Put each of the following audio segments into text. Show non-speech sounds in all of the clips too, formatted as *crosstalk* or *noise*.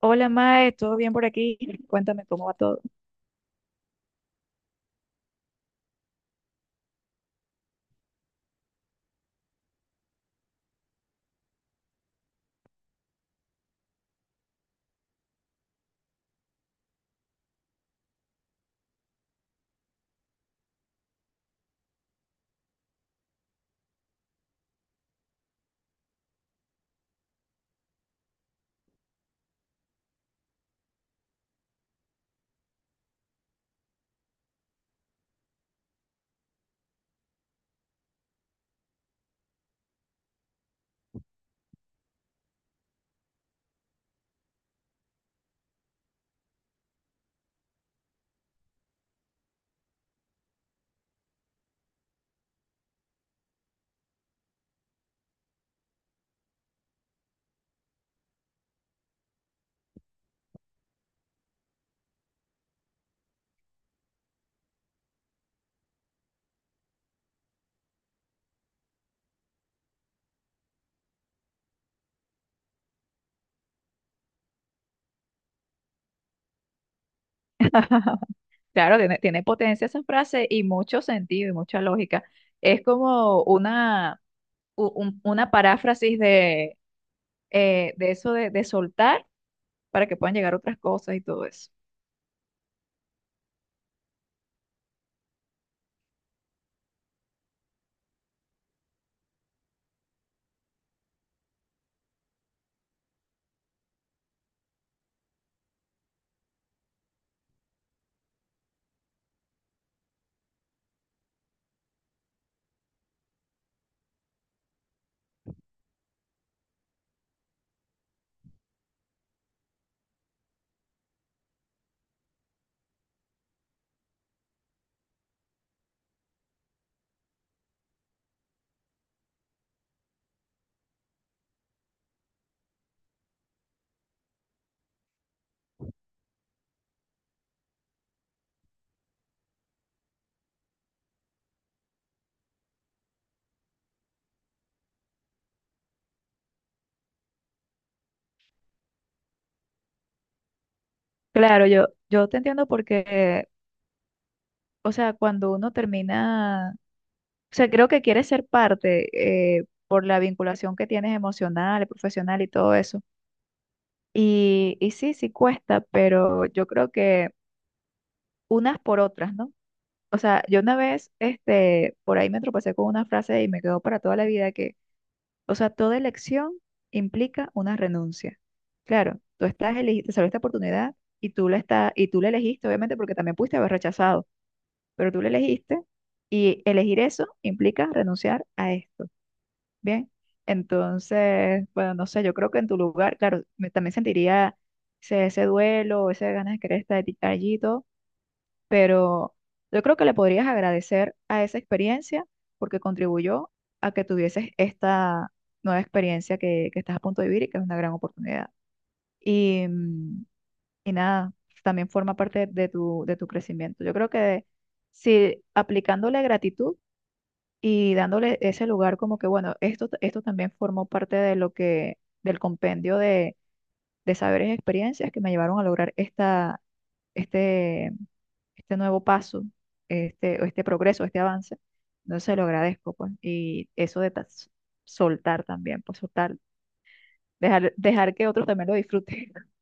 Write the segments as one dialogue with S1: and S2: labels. S1: Hola Mae, ¿todo bien por aquí? Cuéntame cómo va todo. *laughs* Claro, tiene potencia esa frase y mucho sentido y mucha lógica. Es como una, una paráfrasis de eso de soltar para que puedan llegar otras cosas y todo eso. Claro, yo te entiendo porque, o sea, cuando uno termina, o sea, creo que quieres ser parte por la vinculación que tienes emocional, profesional y todo eso. Y sí, sí cuesta, pero yo creo que unas por otras, ¿no? O sea, yo una vez, este, por ahí me tropecé con una frase y me quedó para toda la vida que, o sea, toda elección implica una renuncia. Claro, te salió esta oportunidad y y tú la elegiste, obviamente, porque también pudiste haber rechazado, pero tú la elegiste y elegir eso implica renunciar a esto. Bien, entonces, bueno, no sé, yo creo que en tu lugar, claro, también sentiría ese, ese duelo, ese ganas de querer estar allí pero yo creo que le podrías agradecer a esa experiencia porque contribuyó a que tuvieses esta nueva experiencia que estás a punto de vivir y que es una gran oportunidad. Y, mm, y nada, también forma parte de tu crecimiento. Yo creo que si aplicándole gratitud y dándole ese lugar como que, bueno, esto también formó parte de lo que, del compendio de saberes y experiencias que me llevaron a lograr esta, este este nuevo paso, este, o este progreso, este avance. No se lo agradezco, pues. Y eso de soltar también, pues soltar, dejar, dejar que otros también lo disfruten. *laughs*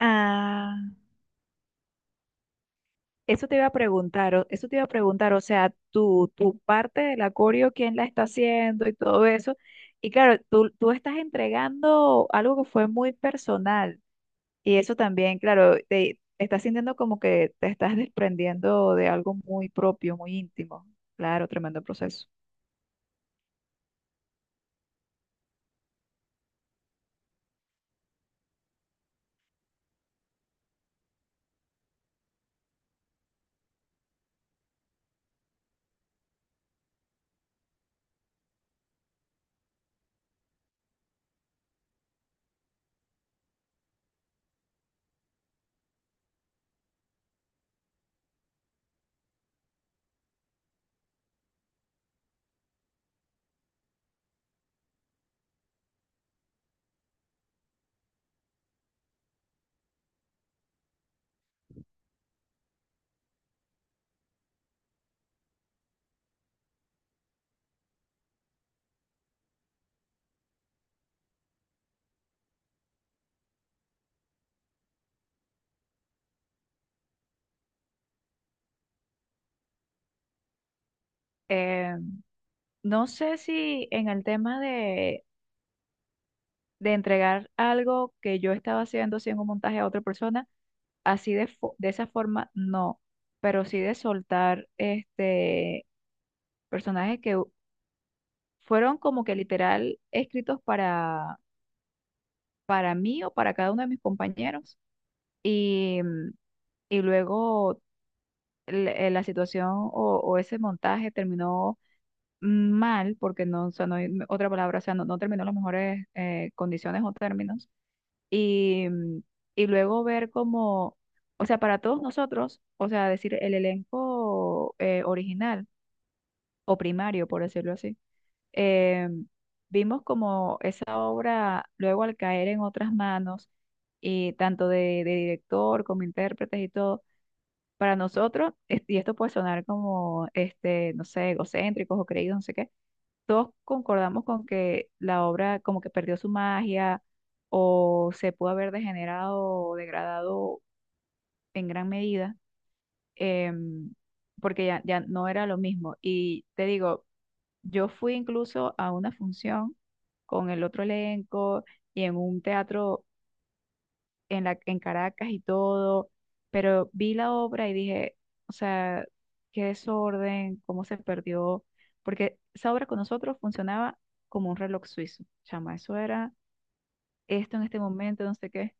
S1: Ah, eso te iba a preguntar, eso te iba a preguntar, o sea, tú, tu parte del acorio, quién la está haciendo y todo eso. Y claro, tú estás entregando algo que fue muy personal. Y eso también, claro, te estás sintiendo como que te estás desprendiendo de algo muy propio, muy íntimo. Claro, tremendo proceso. Eh, no sé si en el tema de entregar algo que yo estaba haciendo, sin un montaje a otra persona, así de, de esa forma, no, pero sí de soltar este personajes que fueron como que literal escritos para mí o para cada uno de mis compañeros. Y, mm, y luego la situación o ese montaje terminó mal, porque no, o sea, no hay no, otra palabra, o sea, no, no terminó en las mejores condiciones o términos. Y, mm, y luego ver como, o sea, para todos nosotros, o sea, decir el elenco original o primario, por decirlo así, eh, vimos como esa obra luego al caer en otras manos, y tanto de director como intérpretes y todo para nosotros, y esto puede sonar como, este, no sé, egocéntricos o creídos, no sé qué, todos concordamos con que la obra como que perdió su magia o se pudo haber degenerado o degradado en gran medida, em, porque ya, ya no era lo mismo. Y te digo, yo fui incluso a una función con el otro elenco y en un teatro en la, en Caracas y todo, pero vi la obra y dije, o sea, qué desorden, cómo se perdió, porque esa obra con nosotros funcionaba como un reloj suizo, chama, eso era esto en este momento, no sé qué.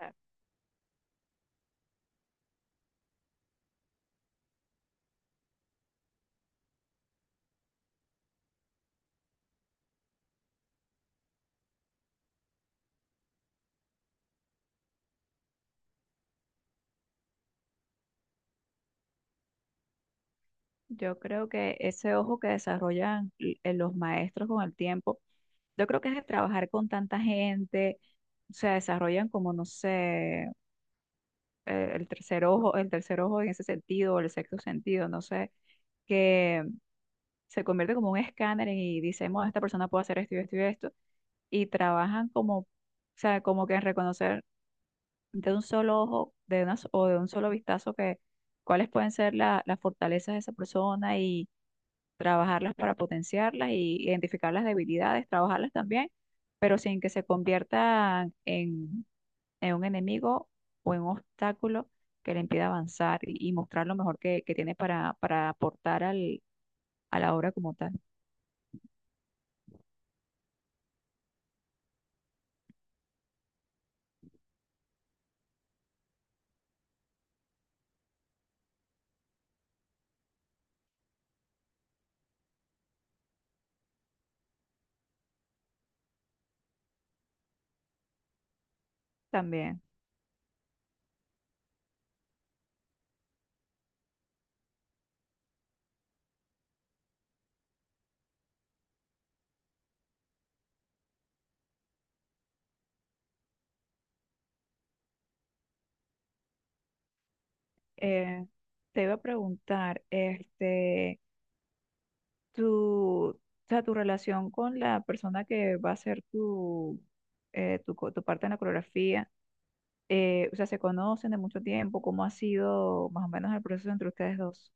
S1: O yo creo que ese ojo que desarrollan los maestros con el tiempo, yo creo que es de trabajar con tanta gente, se desarrollan como, no sé, el tercer ojo en ese sentido, o el sexto sentido, no sé, que se convierte como un escáner y dicen, bueno, esta persona puede hacer esto y esto y esto, y trabajan como, o sea, como que en reconocer de un solo ojo, de una, o de un solo vistazo que cuáles pueden ser las fortalezas de esa persona y trabajarlas para potenciarlas y identificar las debilidades, trabajarlas también, pero sin que se conviertan en un enemigo o en un obstáculo que le impida avanzar y mostrar lo mejor que tiene para aportar al, a la obra como tal. También. Eh, te iba a preguntar, este, tu, o sea, tu relación con la persona que va a ser tu, tu, tu parte en la coreografía, o sea, ¿se conocen de mucho tiempo? ¿Cómo ha sido más o menos el proceso entre ustedes dos?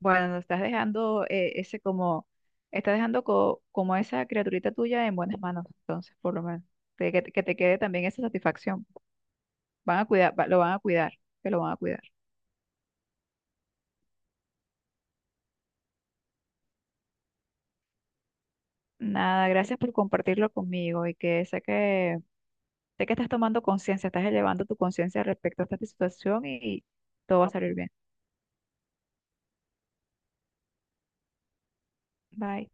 S1: Bueno, nos estás dejando ese como, estás dejando como esa criaturita tuya en buenas manos, entonces, por lo menos, de que te quede también esa satisfacción. Van a cuidar, lo van a cuidar, que lo van a cuidar. Nada, gracias por compartirlo conmigo y que sé que, sé que estás tomando conciencia, estás elevando tu conciencia respecto a esta situación y todo va a salir bien. Bye.